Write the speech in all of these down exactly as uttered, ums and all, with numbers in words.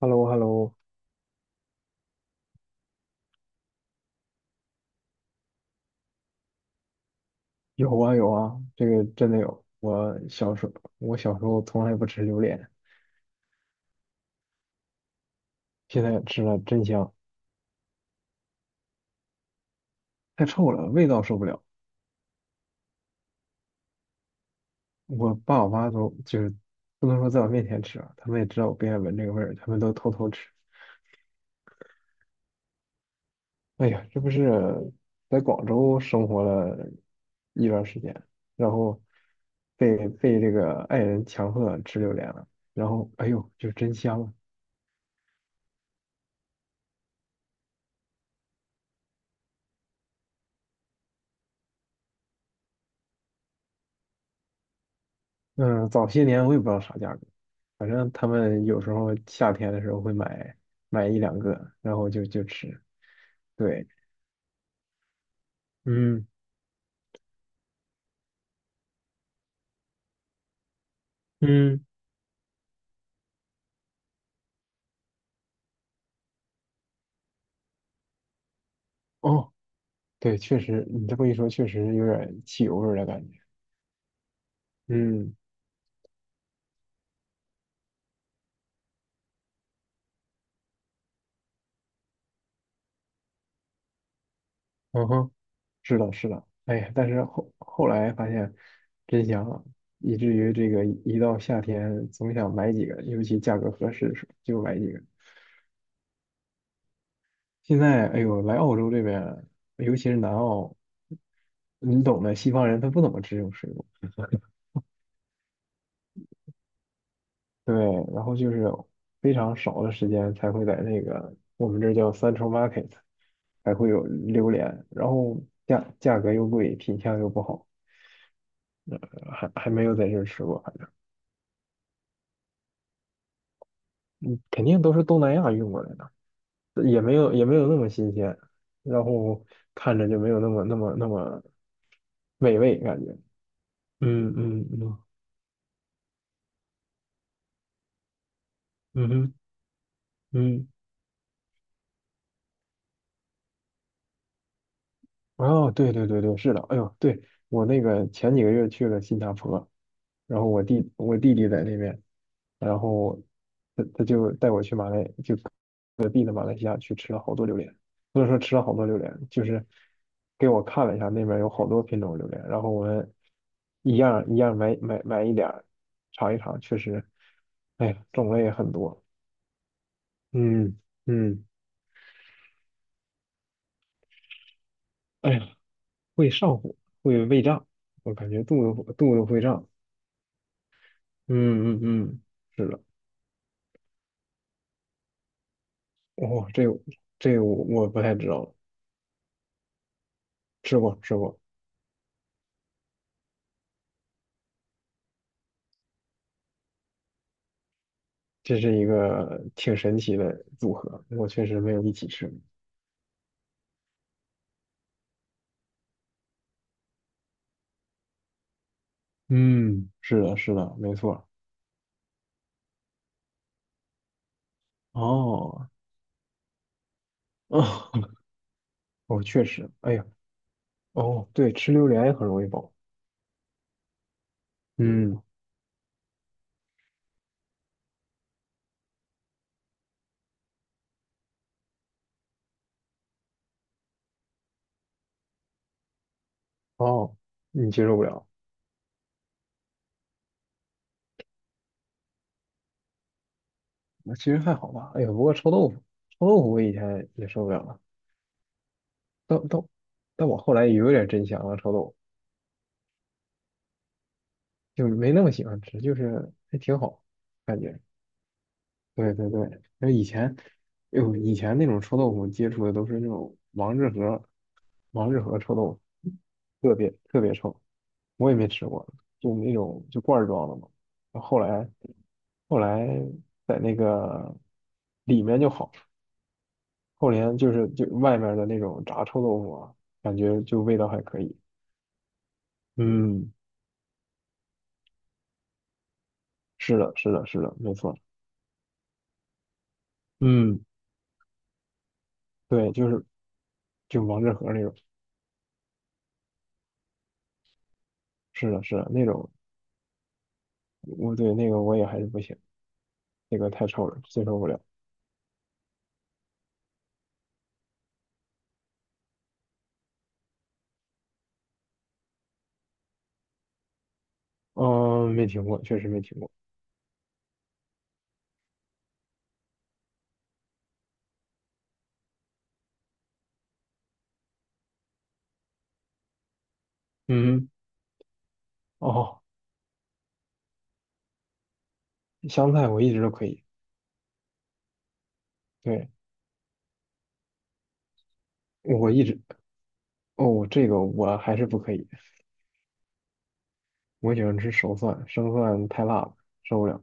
h e l l o h e l l o。 有啊有啊，这个真的有。我小时候，我小时候从来不吃榴莲，现在吃了真香，太臭了，味道受不了。我爸我妈都就是不能说在我面前吃啊，他们也知道我不愿意闻这个味儿，他们都偷偷吃。哎呀，这不是在广州生活了一段时间，然后被被这个爱人强迫吃榴莲了，然后哎呦，就真香啊！嗯，早些年我也不知道啥价格，反正他们有时候夏天的时候会买买一两个，然后就就吃。对，嗯嗯，哦，对，确实，你这么一说，确实有点汽油味儿的感觉。嗯嗯哼，是的，是的。哎呀，但是后后来发现真香啊，以至于这个一到夏天总想买几个，尤其价格合适的时候就买几个。现在，哎呦，来澳洲这边，尤其是南澳，你懂的，西方人他不怎么吃这种水果，对，然后就是非常少的时间才会在那个我们这儿叫 Central Market， 才会有榴莲，然后价价格又贵，品相又不好，呃，还还没有在这儿吃过，反正嗯肯定都是东南亚运过来的，也没有也没有那么新鲜，然后看着就没有那么那么那么美味感觉，嗯嗯嗯嗯哼嗯。哦，对对对对，是的，哎呦，对，我那个前几个月去了新加坡，然后我弟我弟弟在那边，然后他他就带我去马来，就隔壁的马来西亚去吃了好多榴莲，不能说吃了好多榴莲，就是给我看了一下那边有好多品种榴莲，然后我们一样一样买买买一点儿尝一尝，确实，哎呀，种类也很多，嗯嗯，哎呀，会上火，会胃胀，我感觉肚子肚子会胀。嗯嗯嗯，是的，哦，这个这个我我不太知道，吃过吃过，这是一个挺神奇的组合，我确实没有一起吃过。嗯，是的，是的，没错。哦，哦，哦，确实，哎呀，哦，对，吃榴莲也很容易饱。嗯，哦，你接受不了，那其实还好吧。哎呀，不过臭豆腐，臭豆腐我以前也受不了了，但但但我后来也有点真香了，臭豆腐就没那么喜欢吃，就是还挺好，感觉。对对对，那以前，哎呦，以前那种臭豆腐接触的都是那种王致和，王致和臭豆腐，特别特别臭，我也没吃过，就那种就罐儿装的嘛。然后后来后来在那个里面就好，后来就是就外面的那种炸臭豆腐啊，感觉就味道还可以。嗯，是的，是的，是的，没错。嗯，对，就是就王致和那种，是的，是的，那种，我对那个我也还是不行。那个太臭了，接受不了。嗯，没听过，确实没听过。嗯，哦，香菜我一直都可以，对，我一直，哦，这个我还是不可以。我喜欢吃熟蒜，生蒜太辣了，受不了，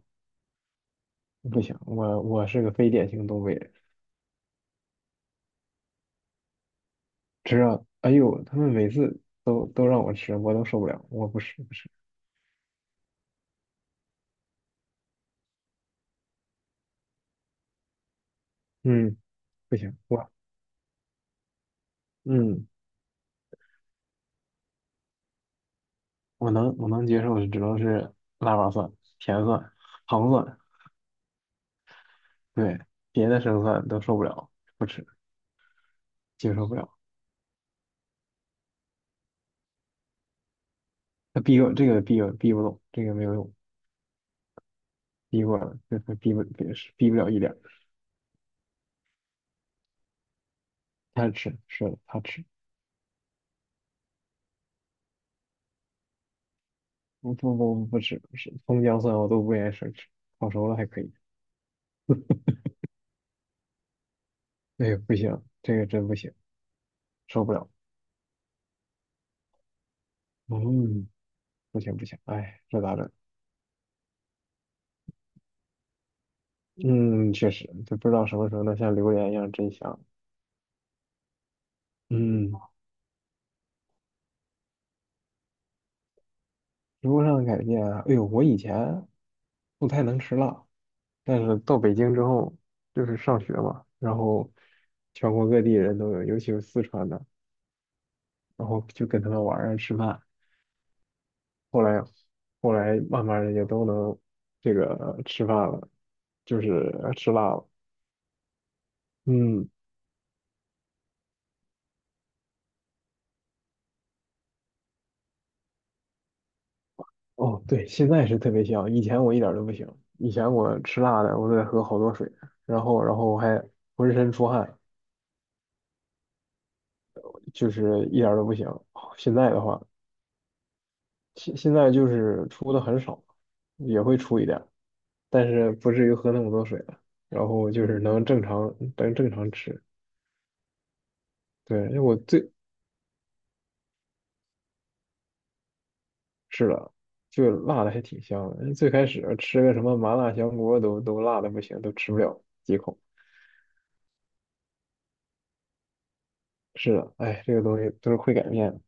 不行。我我是个非典型东北人，只要，哎呦，他们每次都都让我吃，我都受不了，我不吃不吃，嗯，不行，我，嗯，我能我能接受的只能是腊八蒜、甜蒜、糖蒜，对，别的生蒜都受不了，不吃，接受不了。他逼我这个逼我逼不动，这个没有用，逼过了，这他逼不逼是逼不了一点儿，他吃是的，他吃，不不不，不吃，是葱姜蒜我都不愿意生吃，炒熟了还可以。哎呦，不行，这个真不行，受不了。嗯，不行不行，哎，这咋整？嗯，确实，就不知道什么时候能像榴莲一样真香。嗯，食物上的改变啊，哎呦，我以前不太能吃辣，但是到北京之后，就是上学嘛，然后全国各地人都有，尤其是四川的。然后就跟他们玩儿啊吃饭。后来，后来慢慢的也都能这个吃饭了，就是呃吃辣了。嗯，哦，对，现在是特别香，以前我一点儿都不行。以前我吃辣的，我得喝好多水，然后然后我还浑身出汗，就是一点儿都不行。现在的话，现现在就是出的很少，也会出一点儿，但是不至于喝那么多水了。然后就是能正常能正常吃。对，因为我最是的，就辣的还挺香的。最开始吃个什么麻辣香锅都都辣的不行，都吃不了几口。是的，哎，这个东西都是会改变的。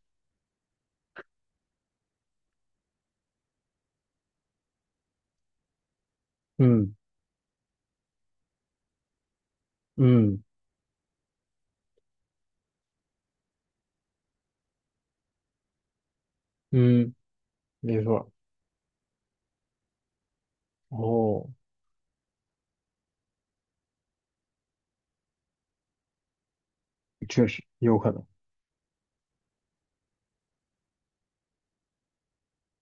嗯嗯嗯，没错。哦，确实有可能。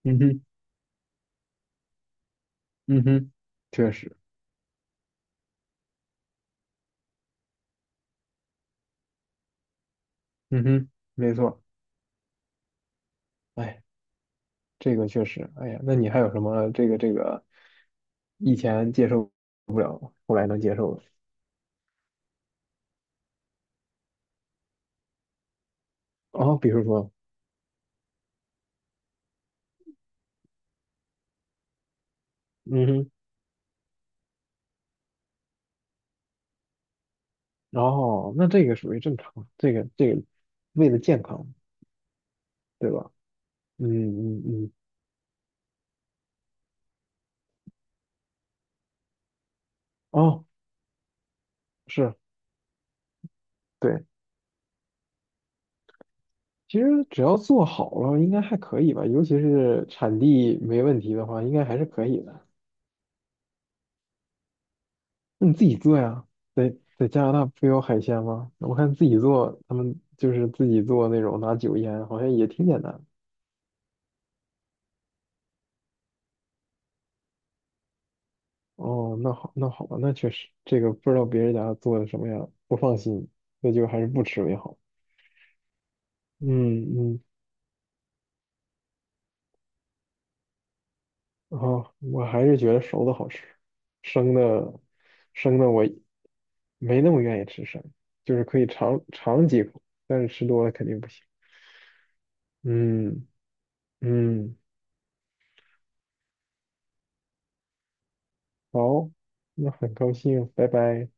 嗯哼嗯哼，确实。嗯哼，没错。哎，这个确实。哎呀，那你还有什么这个这个以前接受后来能接受的？哦，比如说，嗯哼，然后，那这个属于正常，这个这个为了健康，对吧？嗯嗯嗯，哦，是，对，其实只要做好了，应该还可以吧，尤其是产地没问题的话，应该还是可以的。那你自己做呀，在在加拿大不有海鲜吗？我看自己做，他们就是自己做那种拿酒腌，好像也挺简单。哦，那好，那好吧，那确实，这个不知道别人家做的什么样，不放心，那就还是不吃为好。嗯嗯。然后我还是觉得熟的好吃，生的生的我没那么愿意吃生，就是可以尝尝几口，但是吃多了肯定不行。嗯嗯，好，那很高兴，拜拜。